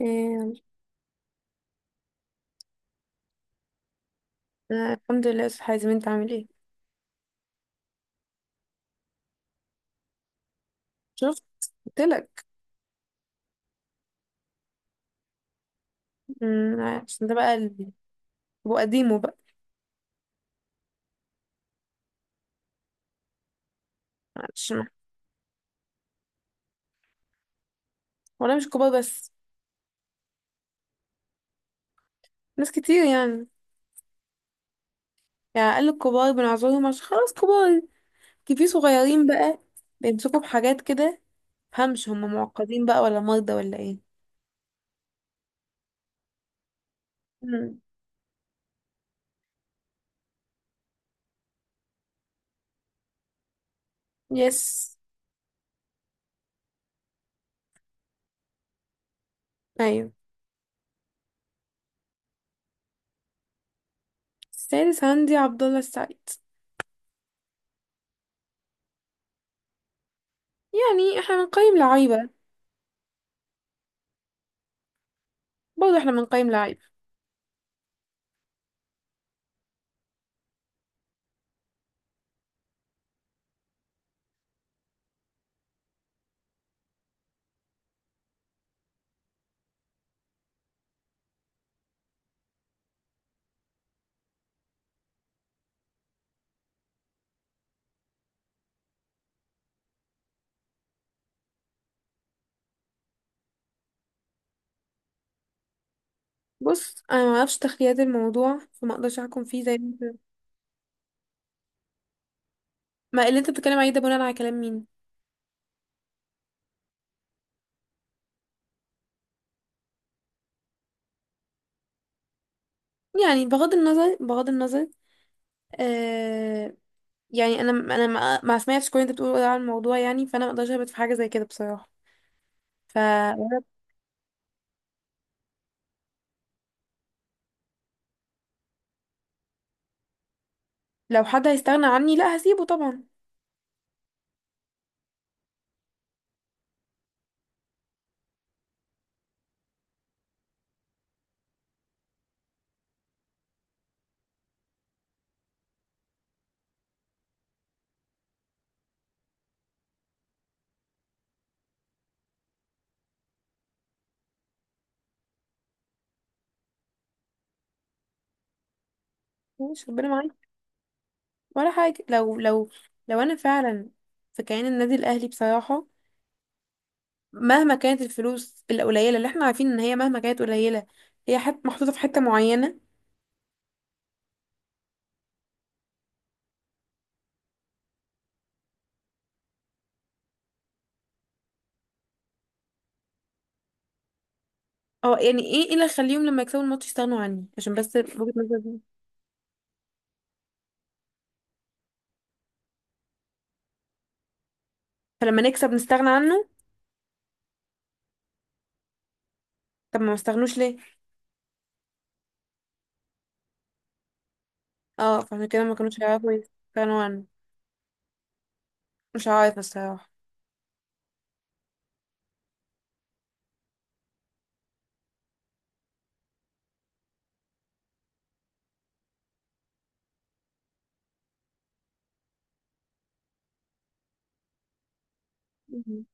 إيه، أنا الحمد لله يا أستاذ حازم، انت عامل ايه؟ شفت، قلتلك. عشان ده بقى ابو قديمه بقى. معلش ولا مش كبار بس. ناس كتير يعني. يعني اقل الكبار بنعذرهم عشان خلاص كبار، كي في صغيرين بقى. بيمسكوا بحاجات كده. مفهمش هم معقدين بقى ولا مرضى ولا ايه؟ أمم، يس. ايوه. السادس عندي عبد الله السعيد. يعني احنا بنقيم لعيبه. برضه احنا بنقيم لعيبه. بص، انا ما اعرفش تخليات الموضوع فما اقدرش احكم فيه زي. ما اللي انت بتتكلم عليه ده بناء على كلام مين؟ يعني بغض النظر بغض النظر. آه يعني انا مع سمية في كل اللي انت بتقوله ده عن الموضوع يعني، فانا ما اقدرش اهبط في حاجه زي كده بصراحه. فلو حد هيستغنى عني، لا هسيبه طبعا. مش ربنا معايا ولا حاجه. لو انا فعلا في كيان النادي الاهلي بصراحه. مهما كانت الفلوس القليله اللي احنا عارفين ان هي مهما كانت قليله، هي محطوطه في حته معينه. اه، يعني ايه اللي يخليهم لما يكسبوا الماتش يستغنوا عني عشان بس وجهة نظري؟ فلما نكسب نستغنى عنه. طب ما استغنوش ليه؟ اه، فعشان كده ما كانوش هيعرفوا يستغنوا عنه. مش عارفة الصراحة. مم.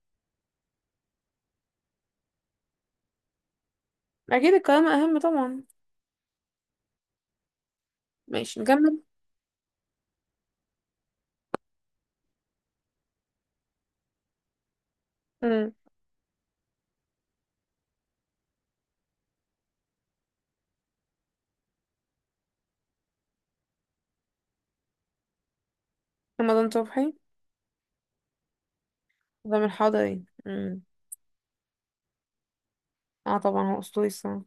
أكيد الكرامة أهم طبعا. ماشي نكمل. مم. رمضان صبحي. رمضان حضري. مم. اه طبعا هو أسطوري الصراحة.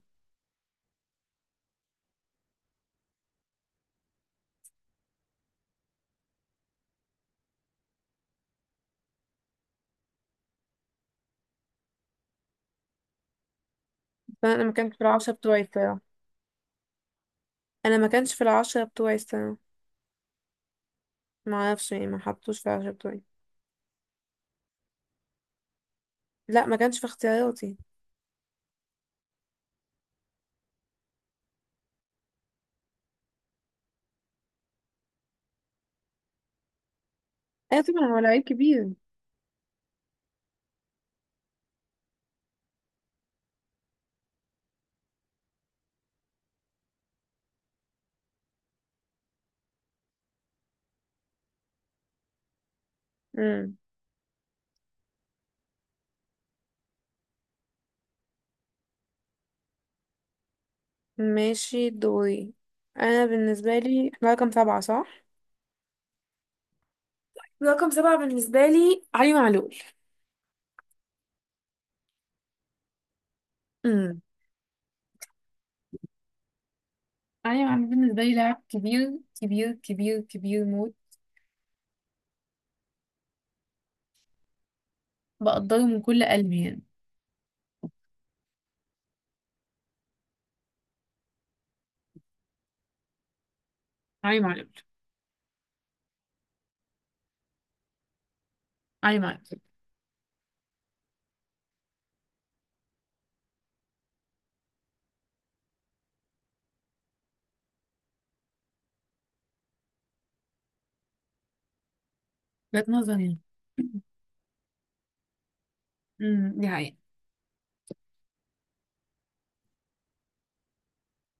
بس أنا ما كانش في العشرة بتوعي الصراحة. أنا ما كانش في العشرة بتوعي الصراحة. ما أعرفش يعني، ما حطوش في العشرة بتوعي. لا، ما كانش في اختياراتي. أيوة طبعا هو لعيب كبير. مم. ماشي دوري. أنا بالنسبة لي احنا رقم سبعة صح؟ رقم سبعة بالنسبة لي علي معلول. مم. ايوه، انا بالنسبه لي لاعب كبير كبير كبير كبير موت. بقدره من كل قلبي يعني. علي معلول. علي معلول. وجهة نظري يعني. دي حقيقة.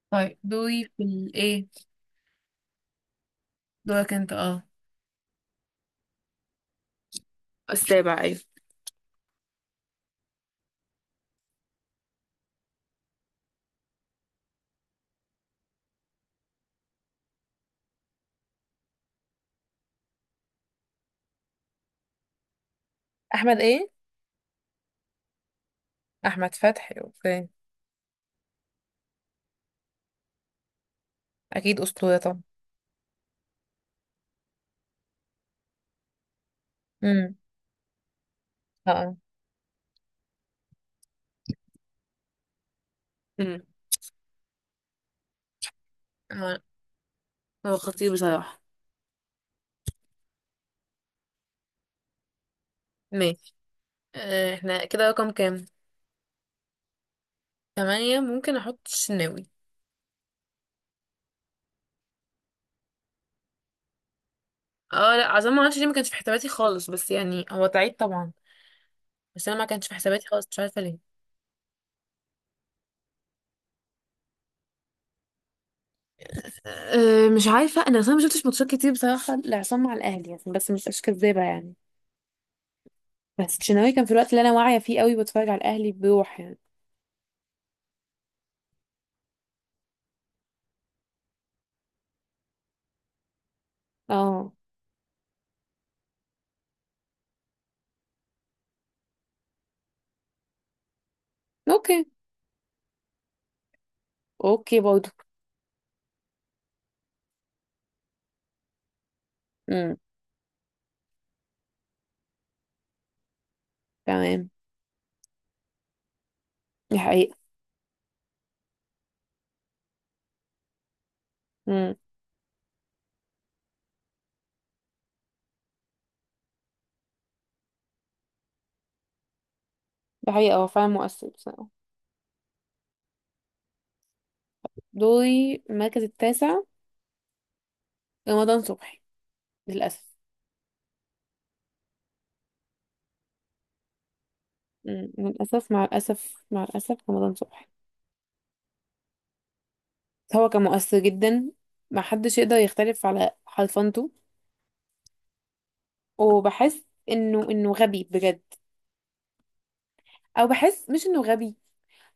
طيب دوري في الايه. دورك انت، اه. السابع، أيوة. احمد ايه؟ احمد فتحي، اوكي. اكيد اسطوره طبعا. امم. اه. مم. آه. هو خطير بصراحة. ماشي. احنا كده رقم كام؟ تمانية. ممكن احط الشناوي. اه، لا، عظام ما اعرفش ليه ما كانش في حساباتي خالص، بس يعني هو تعيد طبعا. بس انا ما كانش في حساباتي خالص، مش عارفه ليه. أه، مش عارفه، انا اصلا ما شفتش ماتشات كتير بصراحه لعصام مع الاهلي يعني، بس مش كدابه يعني. بس الشناوي كان في الوقت اللي انا واعيه فيه قوي بتفرج على الاهلي بروح يعني. اه، اوكي. اوكي برضه. امم. تمام. دي حقيقه. امم دي حقيقه، هو فعلا مؤثر بصراحه. دوري المركز التاسع. رمضان صبحي، للاسف. للاسف، مع الاسف مع الاسف رمضان صبحي. هو كان مؤثر جدا. محدش يقدر يختلف على حرفنته. وبحس انه غبي بجد. او بحس مش انه غبي.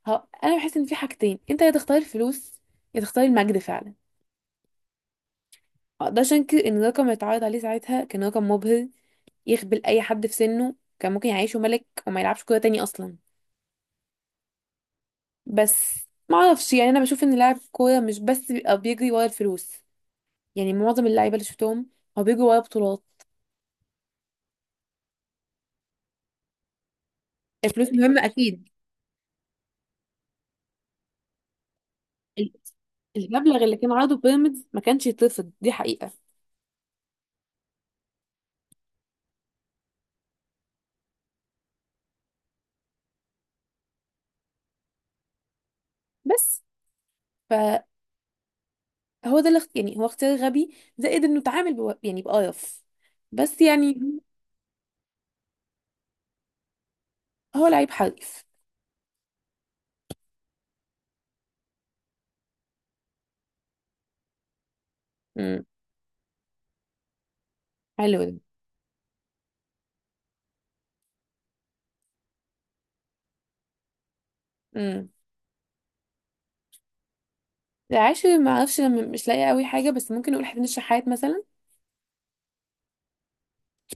ها، انا بحس ان في حاجتين، انت يا تختار الفلوس يا تختار المجد فعلا. ما اقدرش انكر ان الرقم اللي اتعرض عليه ساعتها كان رقم مبهر. يخبل اي حد في سنه، كان ممكن يعيشه ملك وما يلعبش كوره تاني اصلا. بس ما اعرفش يعني، انا بشوف ان لاعب كوره مش بس بيبقى بيجري ورا الفلوس. يعني معظم اللعيبه اللي شفتهم هو بيجري ورا بطولات. الفلوس مهمه اكيد. ال- المبلغ اللي كان عرضه بيراميدز ما كانش يترفض، دي حقيقة. بس فهو، ده يعني هو اختيار غبي زائد انه اتعامل يعني بقرف. بس يعني. هو لعيب حريف. امم. حلو ده. امم العاشر، ما اعرفش، انا مش لاقيه قوي حاجه، بس ممكن نقول حسين الشحات مثلا.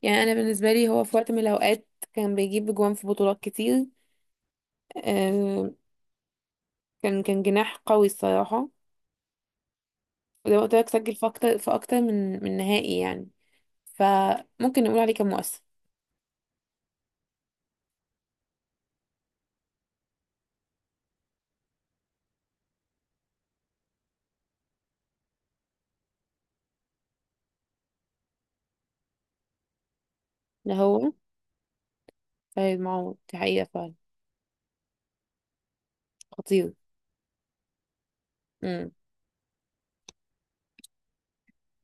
يعني انا بالنسبه لي هو في وقت من الاوقات كان بيجيب جوان في بطولات كتير. آه. كان جناح قوي الصراحه. وزي ما قلت لك سجل في اكتر من نهائي يعني. فممكن نقول عليه كان مؤثر. ده هو. سيد معوض، دي حقيقة فعلا. خطير. امم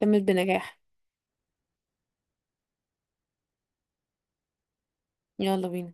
كمل بنجاح. يلا بينا.